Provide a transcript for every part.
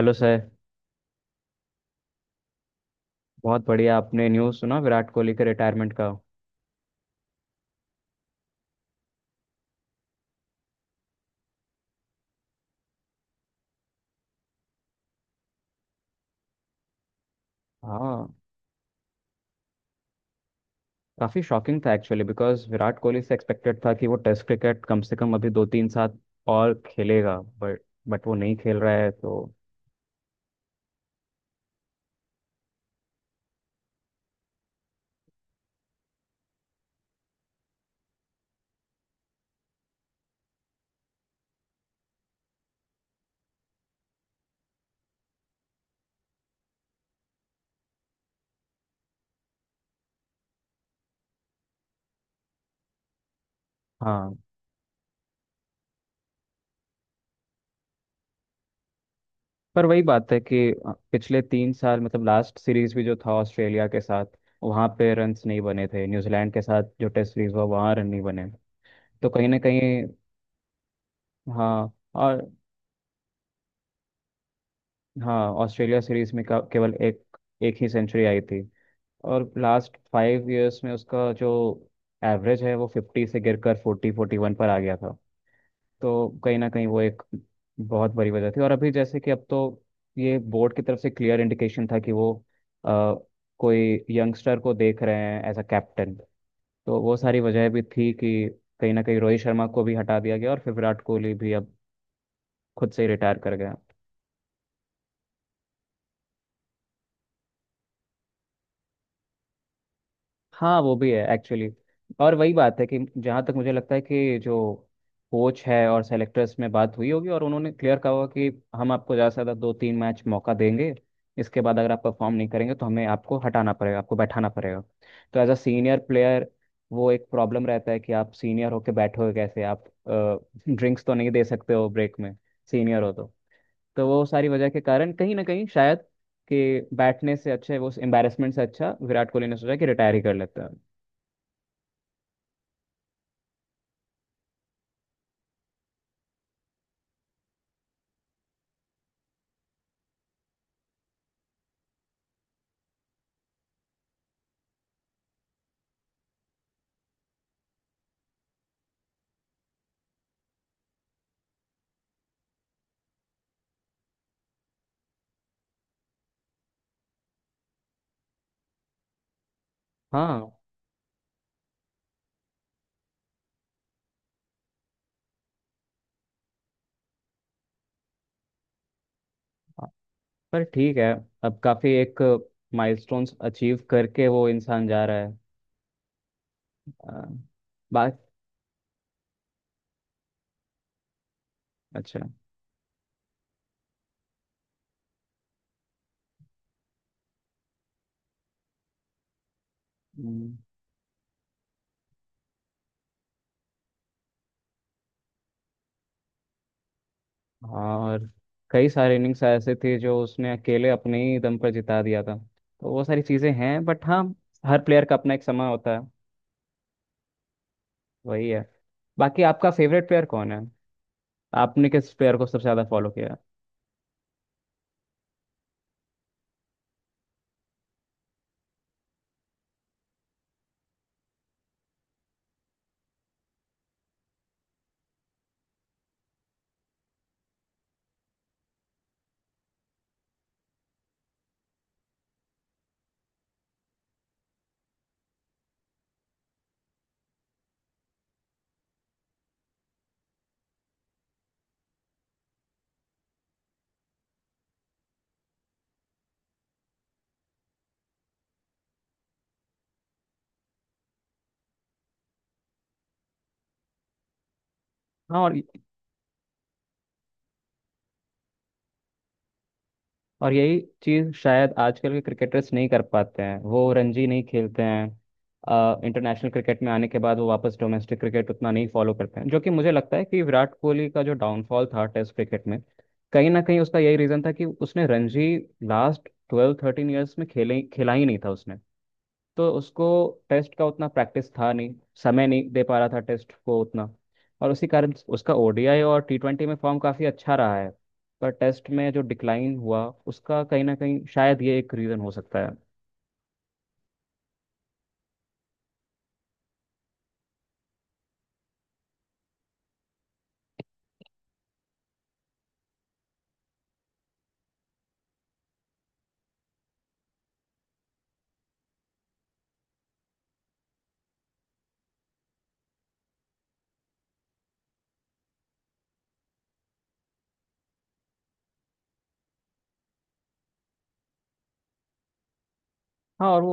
Hello sir. बहुत बढ़िया, आपने न्यूज़ सुना विराट कोहली के रिटायरमेंट का? हाँ, काफ़ी शॉकिंग था एक्चुअली, बिकॉज विराट कोहली से एक्सपेक्टेड था कि वो टेस्ट क्रिकेट कम से कम अभी 2 3 साल और खेलेगा, बट वो नहीं खेल रहा है तो। हाँ। पर वही बात है कि पिछले तीन साल, मतलब लास्ट सीरीज भी जो था ऑस्ट्रेलिया के साथ, वहाँ पे रन्स नहीं बने थे। न्यूजीलैंड के साथ जो टेस्ट सीरीज हुआ वहाँ रन नहीं बने। तो कहीं ना कहीं। हाँ। और हाँ, ऑस्ट्रेलिया सीरीज में केवल एक एक ही सेंचुरी आई थी। और लास्ट 5 इयर्स में उसका जो एवरेज है वो 50 से गिरकर 40 41 पर आ गया था। तो कहीं ना कहीं वो एक बहुत बड़ी वजह थी। और अभी जैसे कि अब तो ये बोर्ड की तरफ से क्लियर इंडिकेशन था कि वो अ, कोई यंगस्टर को देख रहे हैं एज अ कैप्टन। तो वो सारी वजह भी थी कि कहीं ना कहीं रोहित शर्मा को भी हटा दिया गया और फिर विराट कोहली भी अब खुद से ही रिटायर कर गया। हाँ वो भी है एक्चुअली। और वही बात है कि जहाँ तक मुझे लगता है कि जो कोच है और सेलेक्टर्स में बात हुई होगी और उन्होंने क्लियर कहा होगा कि हम आपको ज़्यादा से ज़्यादा 2 3 मैच मौका देंगे, इसके बाद अगर आप परफॉर्म नहीं करेंगे तो हमें आपको हटाना पड़ेगा, आपको बैठाना पड़ेगा। तो एज अ सीनियर प्लेयर वो एक प्रॉब्लम रहता है कि आप सीनियर होके बैठोगे कैसे, आप ड्रिंक्स तो नहीं दे सकते हो ब्रेक में, सीनियर हो तो वो सारी वजह के कारण कहीं ना कहीं शायद कि बैठने से अच्छा है, वो एम्बैरेसमेंट से अच्छा, विराट कोहली ने सोचा कि रिटायर ही कर लेता है। हाँ। पर ठीक है, अब काफी एक माइलस्टोन्स अचीव करके वो इंसान जा रहा है। आ, बात। अच्छा। हम्म। और कई सारे इनिंग्स ऐसे थे जो उसने अकेले अपने ही दम पर जिता दिया था। तो वो सारी चीजें हैं, बट हाँ, हर प्लेयर का अपना एक समय होता है, वही है। बाकी आपका फेवरेट प्लेयर कौन है? आपने किस प्लेयर को सबसे ज्यादा फॉलो किया है? हाँ। और यही चीज़ शायद आजकल के क्रिकेटर्स नहीं कर पाते हैं, वो रणजी नहीं खेलते हैं। इंटरनेशनल क्रिकेट में आने के बाद वो वापस डोमेस्टिक क्रिकेट उतना नहीं फॉलो करते हैं, जो कि मुझे लगता है कि विराट कोहली का जो डाउनफॉल था टेस्ट क्रिकेट में, कहीं ना कहीं उसका यही रीज़न था कि उसने रणजी लास्ट 12 13 ईयर्स में खेले खेला ही नहीं था उसने। तो उसको टेस्ट का उतना प्रैक्टिस था नहीं, समय नहीं दे पा रहा था टेस्ट को उतना। और उसी कारण उसका ओडीआई और T20 में फॉर्म काफ़ी अच्छा रहा है, पर टेस्ट में जो डिक्लाइन हुआ उसका, कहीं ना कहीं शायद ये एक रीज़न हो सकता है। हाँ। और वो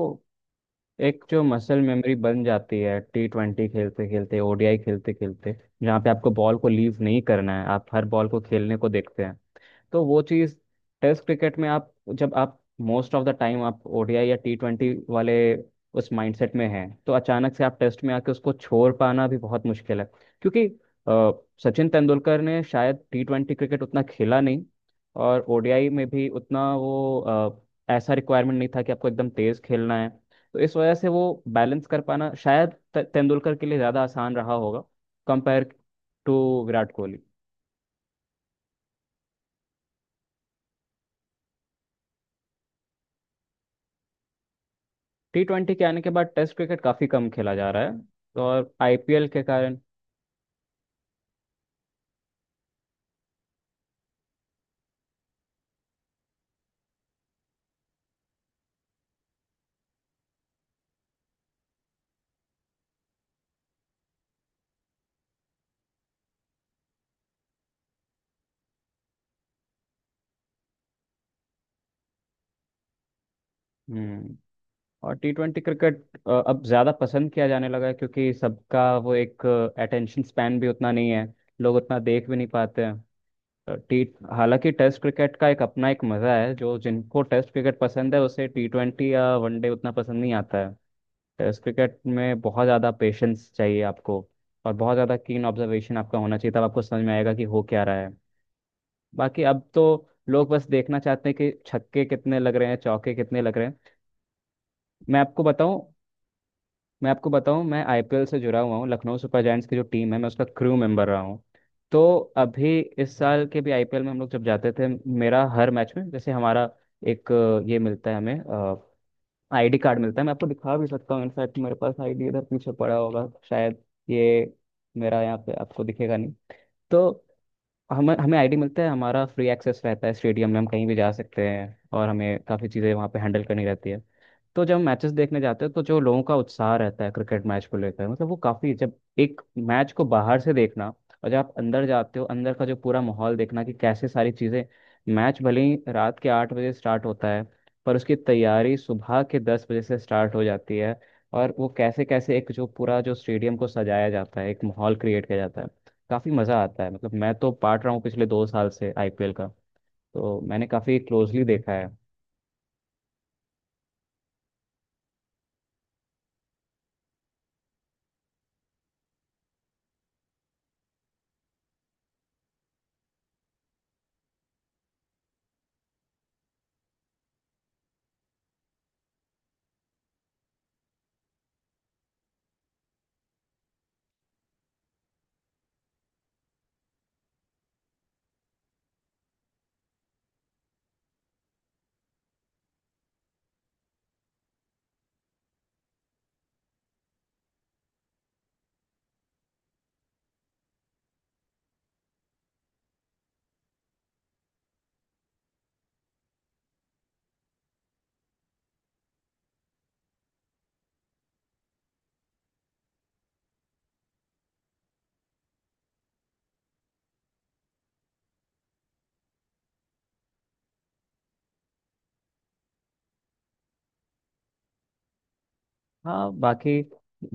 एक जो मसल मेमोरी बन जाती है T20 खेलते खेलते, ओडीआई खेलते खेलते, जहाँ पे आपको बॉल को लीव नहीं करना है, आप हर बॉल को खेलने को देखते हैं। तो वो चीज़ टेस्ट क्रिकेट में, आप जब आप मोस्ट ऑफ द टाइम आप ओडीआई या T20 वाले उस माइंडसेट में हैं तो अचानक से आप टेस्ट में आके उसको छोड़ पाना भी बहुत मुश्किल है। क्योंकि अ, सचिन तेंदुलकर ने शायद T20 क्रिकेट उतना खेला नहीं, और ओडीआई में भी उतना वो ऐसा रिक्वायरमेंट नहीं था कि आपको एकदम तेज खेलना है। तो इस वजह से वो बैलेंस कर पाना शायद तेंदुलकर के लिए ज़्यादा आसान रहा होगा compare to Virat Kohli. T20 के आने के बाद टेस्ट क्रिकेट काफी कम खेला जा रहा है, तो और आईपीएल के कारण। हम्म। और टी ट्वेंटी क्रिकेट अब ज्यादा पसंद किया जाने लगा है क्योंकि सबका वो एक अटेंशन स्पैन भी उतना नहीं है, लोग उतना देख भी नहीं पाते हैं। टी, हालांकि टेस्ट क्रिकेट का एक अपना एक मजा है, जो जिनको टेस्ट क्रिकेट पसंद है उसे T20 या वनडे उतना पसंद नहीं आता है। टेस्ट क्रिकेट में बहुत ज्यादा पेशेंस चाहिए आपको, और बहुत ज्यादा कीन ऑब्जर्वेशन आपका होना चाहिए तब आपको समझ में आएगा कि हो क्या रहा है। बाकी अब तो लोग बस देखना चाहते हैं कि छक्के कितने लग रहे हैं, चौके कितने लग रहे हैं। मैं आपको बताऊं मैं आपको बताऊं, मैं आईपीएल से जुड़ा हुआ हूँ। लखनऊ सुपर जायंट्स की जो टीम है, मैं उसका क्रू मेंबर रहा हूँ। तो अभी इस साल के भी आईपीएल में हम लोग जब जाते थे, मेरा हर मैच में जैसे हमारा एक ये मिलता है हमें, आईडी कार्ड मिलता है। मैं आपको दिखा भी सकता हूँ, इनफैक्ट मेरे पास आईडी इधर पीछे पड़ा होगा शायद, ये। मेरा यहाँ पे आपको दिखेगा नहीं। तो हमें हमें आईडी मिलता है, हमारा फ्री एक्सेस रहता है स्टेडियम में, हम कहीं भी जा सकते हैं और हमें काफ़ी चीज़ें वहाँ पे हैंडल करनी रहती है। तो जब मैचेस देखने जाते हैं तो जो लोगों का उत्साह रहता है क्रिकेट मैच को लेकर, मतलब वो काफी, जब एक मैच को बाहर से देखना और जब आप अंदर जाते हो अंदर का जो पूरा माहौल देखना कि कैसे सारी चीजें। मैच भले ही रात के 8 बजे स्टार्ट होता है, पर उसकी तैयारी सुबह के 10 बजे से स्टार्ट हो जाती है। और वो कैसे कैसे एक जो पूरा जो स्टेडियम को सजाया जाता है, एक माहौल क्रिएट किया जाता है, काफी मजा आता है। मतलब मैं तो पार्ट रहा हूँ पिछले 2 साल से आईपीएल का, तो मैंने काफी क्लोजली देखा है। हाँ। बाकी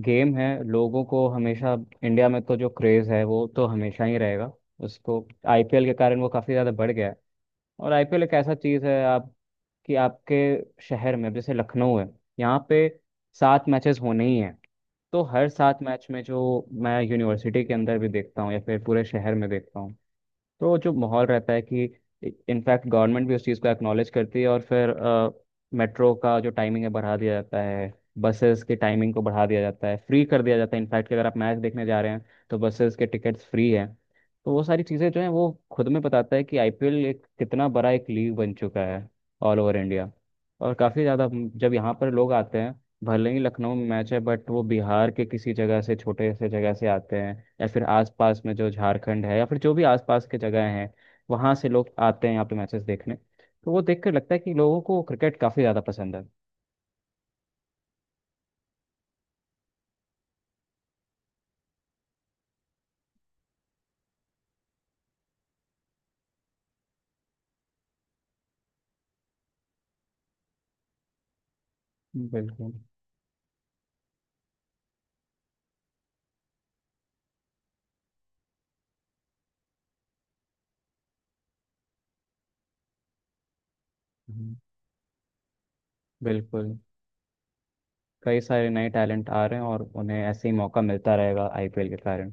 गेम है, लोगों को हमेशा इंडिया में तो जो क्रेज़ है वो तो हमेशा ही रहेगा उसको। आईपीएल के कारण वो काफ़ी ज़्यादा बढ़ गया है। और आईपीएल एक ऐसा चीज़ है आप, कि आपके शहर में, जैसे लखनऊ है, यहाँ पे 7 मैचेस होने ही हैं। तो हर 7 मैच में जो मैं यूनिवर्सिटी के अंदर भी देखता हूँ या फिर पूरे शहर में देखता हूँ, तो जो माहौल रहता है कि इनफैक्ट गवर्नमेंट भी उस चीज़ को एक्नॉलेज करती है, और फिर मेट्रो का जो टाइमिंग है बढ़ा दिया जाता है, बसेस की टाइमिंग को बढ़ा दिया जाता है, फ्री कर दिया जाता है इनफैक्ट, कि अगर आप मैच देखने जा रहे हैं तो बसेस के टिकट्स फ्री हैं। तो वो सारी चीज़ें जो हैं वो खुद में बताता है कि आईपीएल एक कितना बड़ा एक लीग बन चुका है ऑल ओवर इंडिया। और काफ़ी ज़्यादा जब यहाँ पर लोग आते हैं, भले ही लखनऊ में मैच है बट वो बिहार के किसी जगह से, छोटे से जगह से आते हैं, या फिर आसपास में जो झारखंड है या फिर जो भी आसपास के जगह हैं, वहाँ से लोग आते हैं यहाँ पे मैचेस देखने। तो वो देखकर लगता है कि लोगों को क्रिकेट काफ़ी ज़्यादा पसंद है। बिल्कुल। हम्म। बिल्कुल। कई सारे नए टैलेंट आ रहे हैं और उन्हें ऐसे ही मौका मिलता रहेगा आईपीएल के कारण।